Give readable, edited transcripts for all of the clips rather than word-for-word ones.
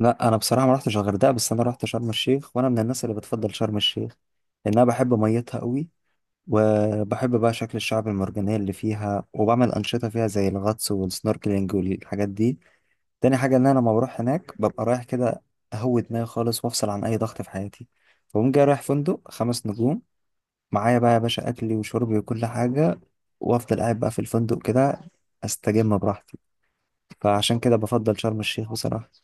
لا، انا بصراحه ما رحتش الغردقه، بس انا رحت شرم الشيخ، وانا من الناس اللي بتفضل شرم الشيخ. لان انا بحب ميتها قوي، وبحب بقى شكل الشعب المرجانيه اللي فيها، وبعمل انشطه فيها زي الغطس والسنوركلينج والحاجات دي. تاني حاجه ان انا لما بروح هناك ببقى رايح كده اهوي دماغي خالص، وافصل عن اي ضغط في حياتي. فبقوم جاي رايح فندق 5 نجوم، معايا بقى يا باشا اكلي وشربي وكل حاجه، وافضل قاعد بقى في الفندق كده، استجم براحتي. فعشان كده بفضل شرم الشيخ بصراحه.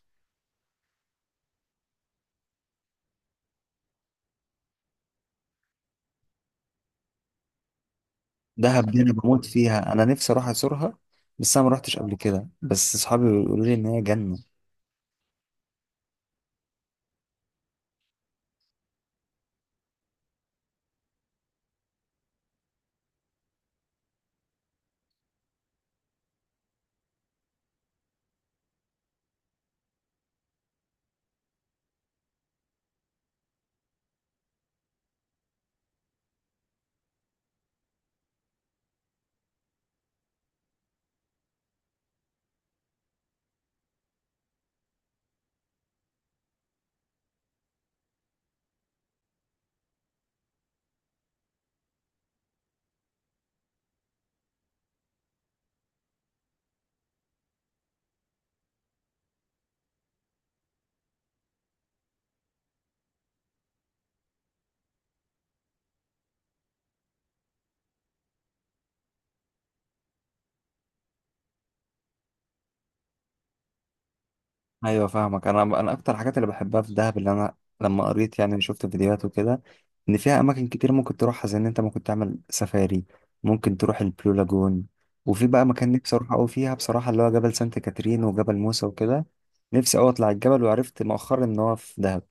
دهب دي انا بموت فيها، انا نفسي اروح ازورها، بس انا ما روحتش قبل كده، بس اصحابي بيقولوا لي ان هي جنه. ايوه فاهمك، انا اكتر الحاجات اللي بحبها في دهب اللي انا لما قريت، يعني شفت فيديوهات وكده، ان فيها اماكن كتير ممكن تروحها، زي ان انت ممكن تعمل سفاري، ممكن تروح البلو لاجون، وفي بقى مكان نفسي اروح قوي فيها بصراحه، اللي هو جبل سانت كاترين وجبل موسى وكده. نفسي اوي اطلع الجبل، وعرفت مؤخرا ان هو في دهب.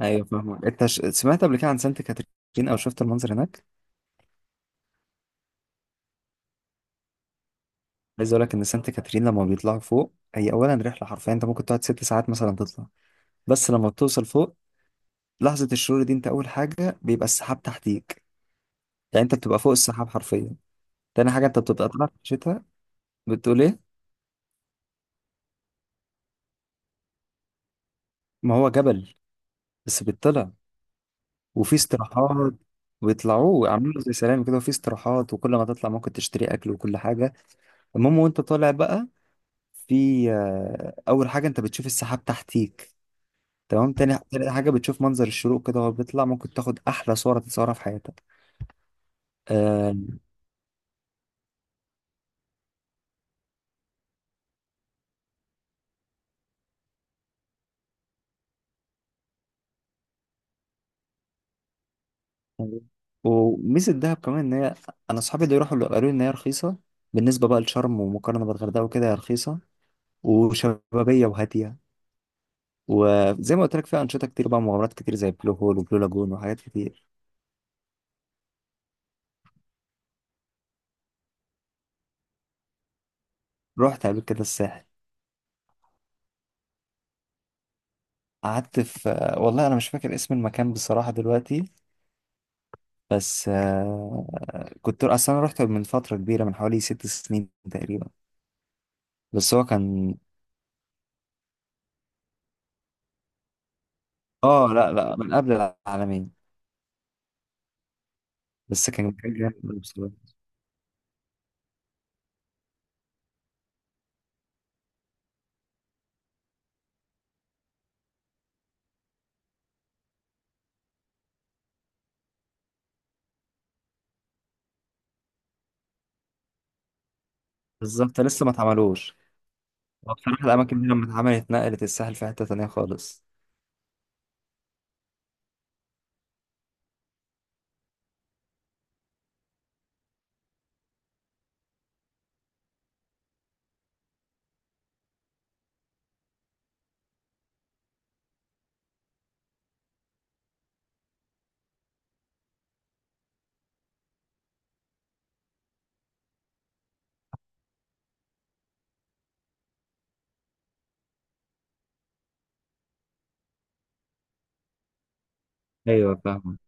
ايوه فاهمك، انت سمعت قبل كده عن سانت كاترين، او شفت المنظر هناك؟ عايز اقول لك ان سانت كاترين لما بيطلعوا فوق هي اولا رحله، حرفيا انت ممكن تقعد 6 ساعات مثلا تطلع. بس لما بتوصل فوق، لحظه الشروق دي، انت اول حاجه بيبقى السحاب تحتيك، يعني انت بتبقى فوق السحاب حرفيا. تاني حاجه، انت بتبقى طالع في الشتاء. بتقول ايه؟ ما هو جبل، بس بيطلع وفي استراحات. بيطلعوه عاملينه زي سلام كده، وفي استراحات، وكل ما تطلع ممكن تشتري اكل وكل حاجه. المهم، وانت طالع بقى، في اول حاجه انت بتشوف السحاب تحتيك. تمام. تاني حاجة بتشوف منظر الشروق كده وهو بيطلع، ممكن تاخد أحلى صورة تتصورها في حياتك. آه. وميزة دهب كمان إن هي، أنا أصحابي اللي يروحوا اللي قالوا لي إن هي رخيصة، بالنسبة بقى لشرم ومقارنة بالغردقة وكده هي رخيصة وشبابية وهادية. وزي ما قلت لك، فيها أنشطة كتير بقى، مغامرات كتير، زي بلو هول وبلو لاجون وحاجات كتير. رحت قبل كده الساحل. قعدت في والله أنا مش فاكر اسم المكان بصراحة دلوقتي، بس آه، كنت أصلا أنا رحت من فترة كبيرة، من حوالي 6 سنين تقريبا. بس هو كان، اه لا لا، من قبل العالمين. بس كان جامد أوي بصراحة. بالظبط، لسه ما اتعملوش. هو بصراحة الأماكن دي لما اتعملت نقلت الساحل في حتة تانية خالص. ايوه فاهم.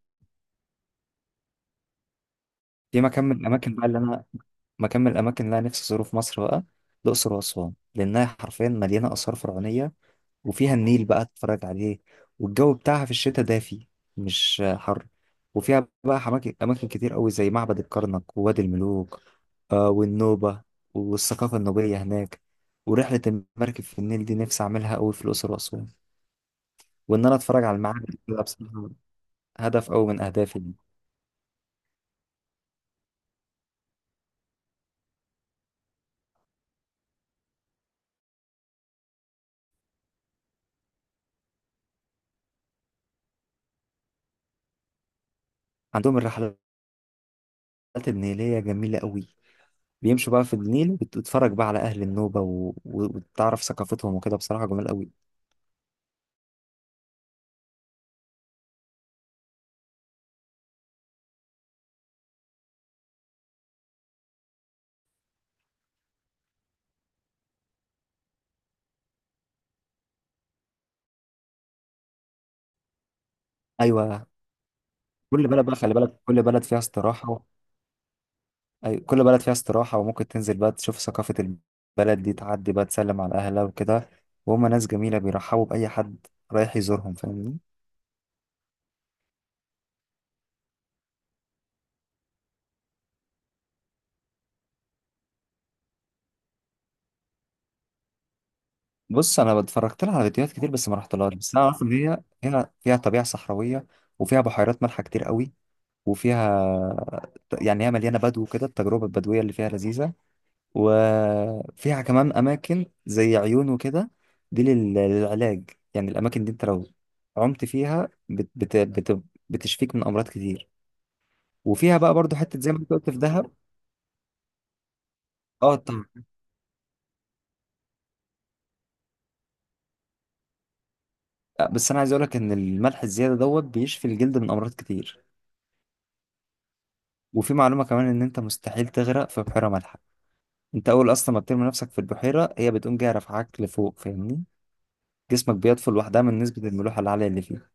في مكان من الأماكن بقى اللي أنا مكان من الأماكن اللي أنا نفسي أزوره في مصر بقى، الأقصر وأسوان، لأنها حرفيا مليانة آثار فرعونية، وفيها النيل بقى تتفرج عليه، والجو بتاعها في الشتاء دافي مش حر. وفيها بقى أماكن كتير قوي، زي معبد الكرنك ووادي الملوك، آه والنوبة والثقافة النوبية هناك. ورحلة المركب في النيل دي نفسي أعملها قوي في الأقصر وأسوان، وإن أنا أتفرج على المعابد، ده بصراحة هدف قوي من أهدافي دي. عندهم الرحلات النيلية جميلة قوي، بيمشوا بقى في النيل وتتفرج بقى على أهل النوبة وتعرف ثقافتهم وكده، بصراحة جميل قوي. أيوه، كل بلد بقى خلي بالك، كل بلد فيها استراحة. أيوة، كل بلد فيها استراحة، وممكن تنزل بقى تشوف ثقافة البلد دي، تعدي بقى تسلم على أهلها وكده. وهم ناس جميلة بيرحبوا بأي حد رايح يزورهم، فاهمني. بص أنا اتفرجت لها على فيديوهات كتير، بس ما رحتلهاش، بس أنا أعرف إن هي هنا فيها طبيعة صحراوية، وفيها بحيرات مالحة كتير قوي، وفيها، يعني هي مليانة بدو كده، التجربة البدوية اللي فيها لذيذة. وفيها كمان أماكن زي عيون وكده، دي للعلاج، يعني الأماكن دي أنت لو عمت فيها بتشفيك من أمراض كتير. وفيها بقى برضو حته زي ما انت قلت في دهب. اه طبعا، بس انا عايز اقول لك ان الملح الزياده دوت بيشفي الجلد من امراض كتير. وفي معلومه كمان، ان انت مستحيل تغرق في بحيره مالحه. انت اول اصلا ما بترمي نفسك في البحيره هي بتقوم جايه رافعاك لفوق، فاهمني؟ جسمك بيطفو لوحدها من نسبه الملوحه العاليه اللي فيه.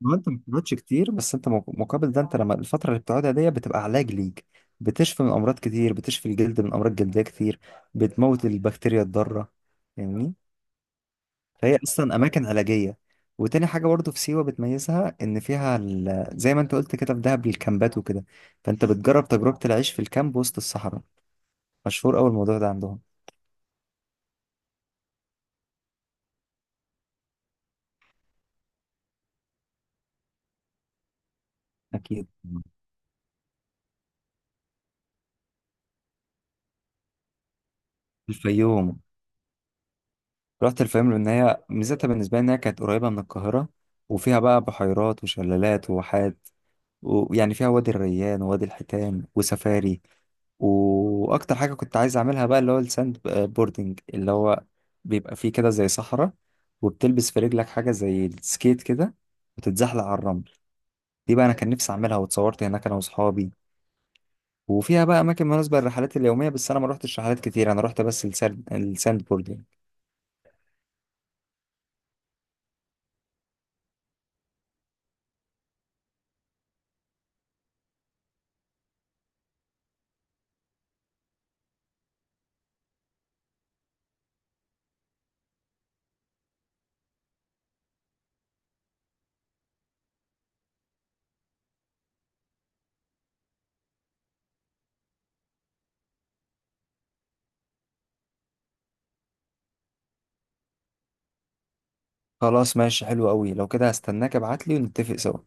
ما انت ما بتقعدش كتير، بس انت مقابل ده، انت لما الفتره اللي بتقعدها دي بتبقى علاج ليك، بتشفي من امراض كتير، بتشفي الجلد من امراض جلديه كتير، بتموت البكتيريا الضاره، فاهمني. فهي اصلا اماكن علاجيه. وتاني حاجه برضو في سيوه بتميزها، ان فيها زي ما انت قلت كده في دهب الكامبات وكده، فانت بتجرب تجربه العيش في الكامب وسط الصحراء. مشهور قوي الموضوع ده عندهم. اكيد الفيوم. رحت الفيوم لان هي ميزتها بالنسبه لي انها كانت قريبه من القاهره، وفيها بقى بحيرات وشلالات وواحات، ويعني فيها وادي الريان ووادي الحيتان وسفاري. واكتر حاجه كنت عايز اعملها بقى اللي هو الساند بوردنج، اللي هو بيبقى فيه كده زي صحراء، وبتلبس في رجلك حاجه زي السكيت كده وتتزحلق على الرمل. دي بقى انا كان نفسي اعملها، واتصورت هناك انا واصحابي. وفيها بقى اماكن مناسبه للرحلات اليوميه، بس انا ما روحتش رحلات كتير، انا روحت بس الساند بوردنج. خلاص ماشي، حلو قوي لو كده، هستناك ابعتلي ونتفق سوا.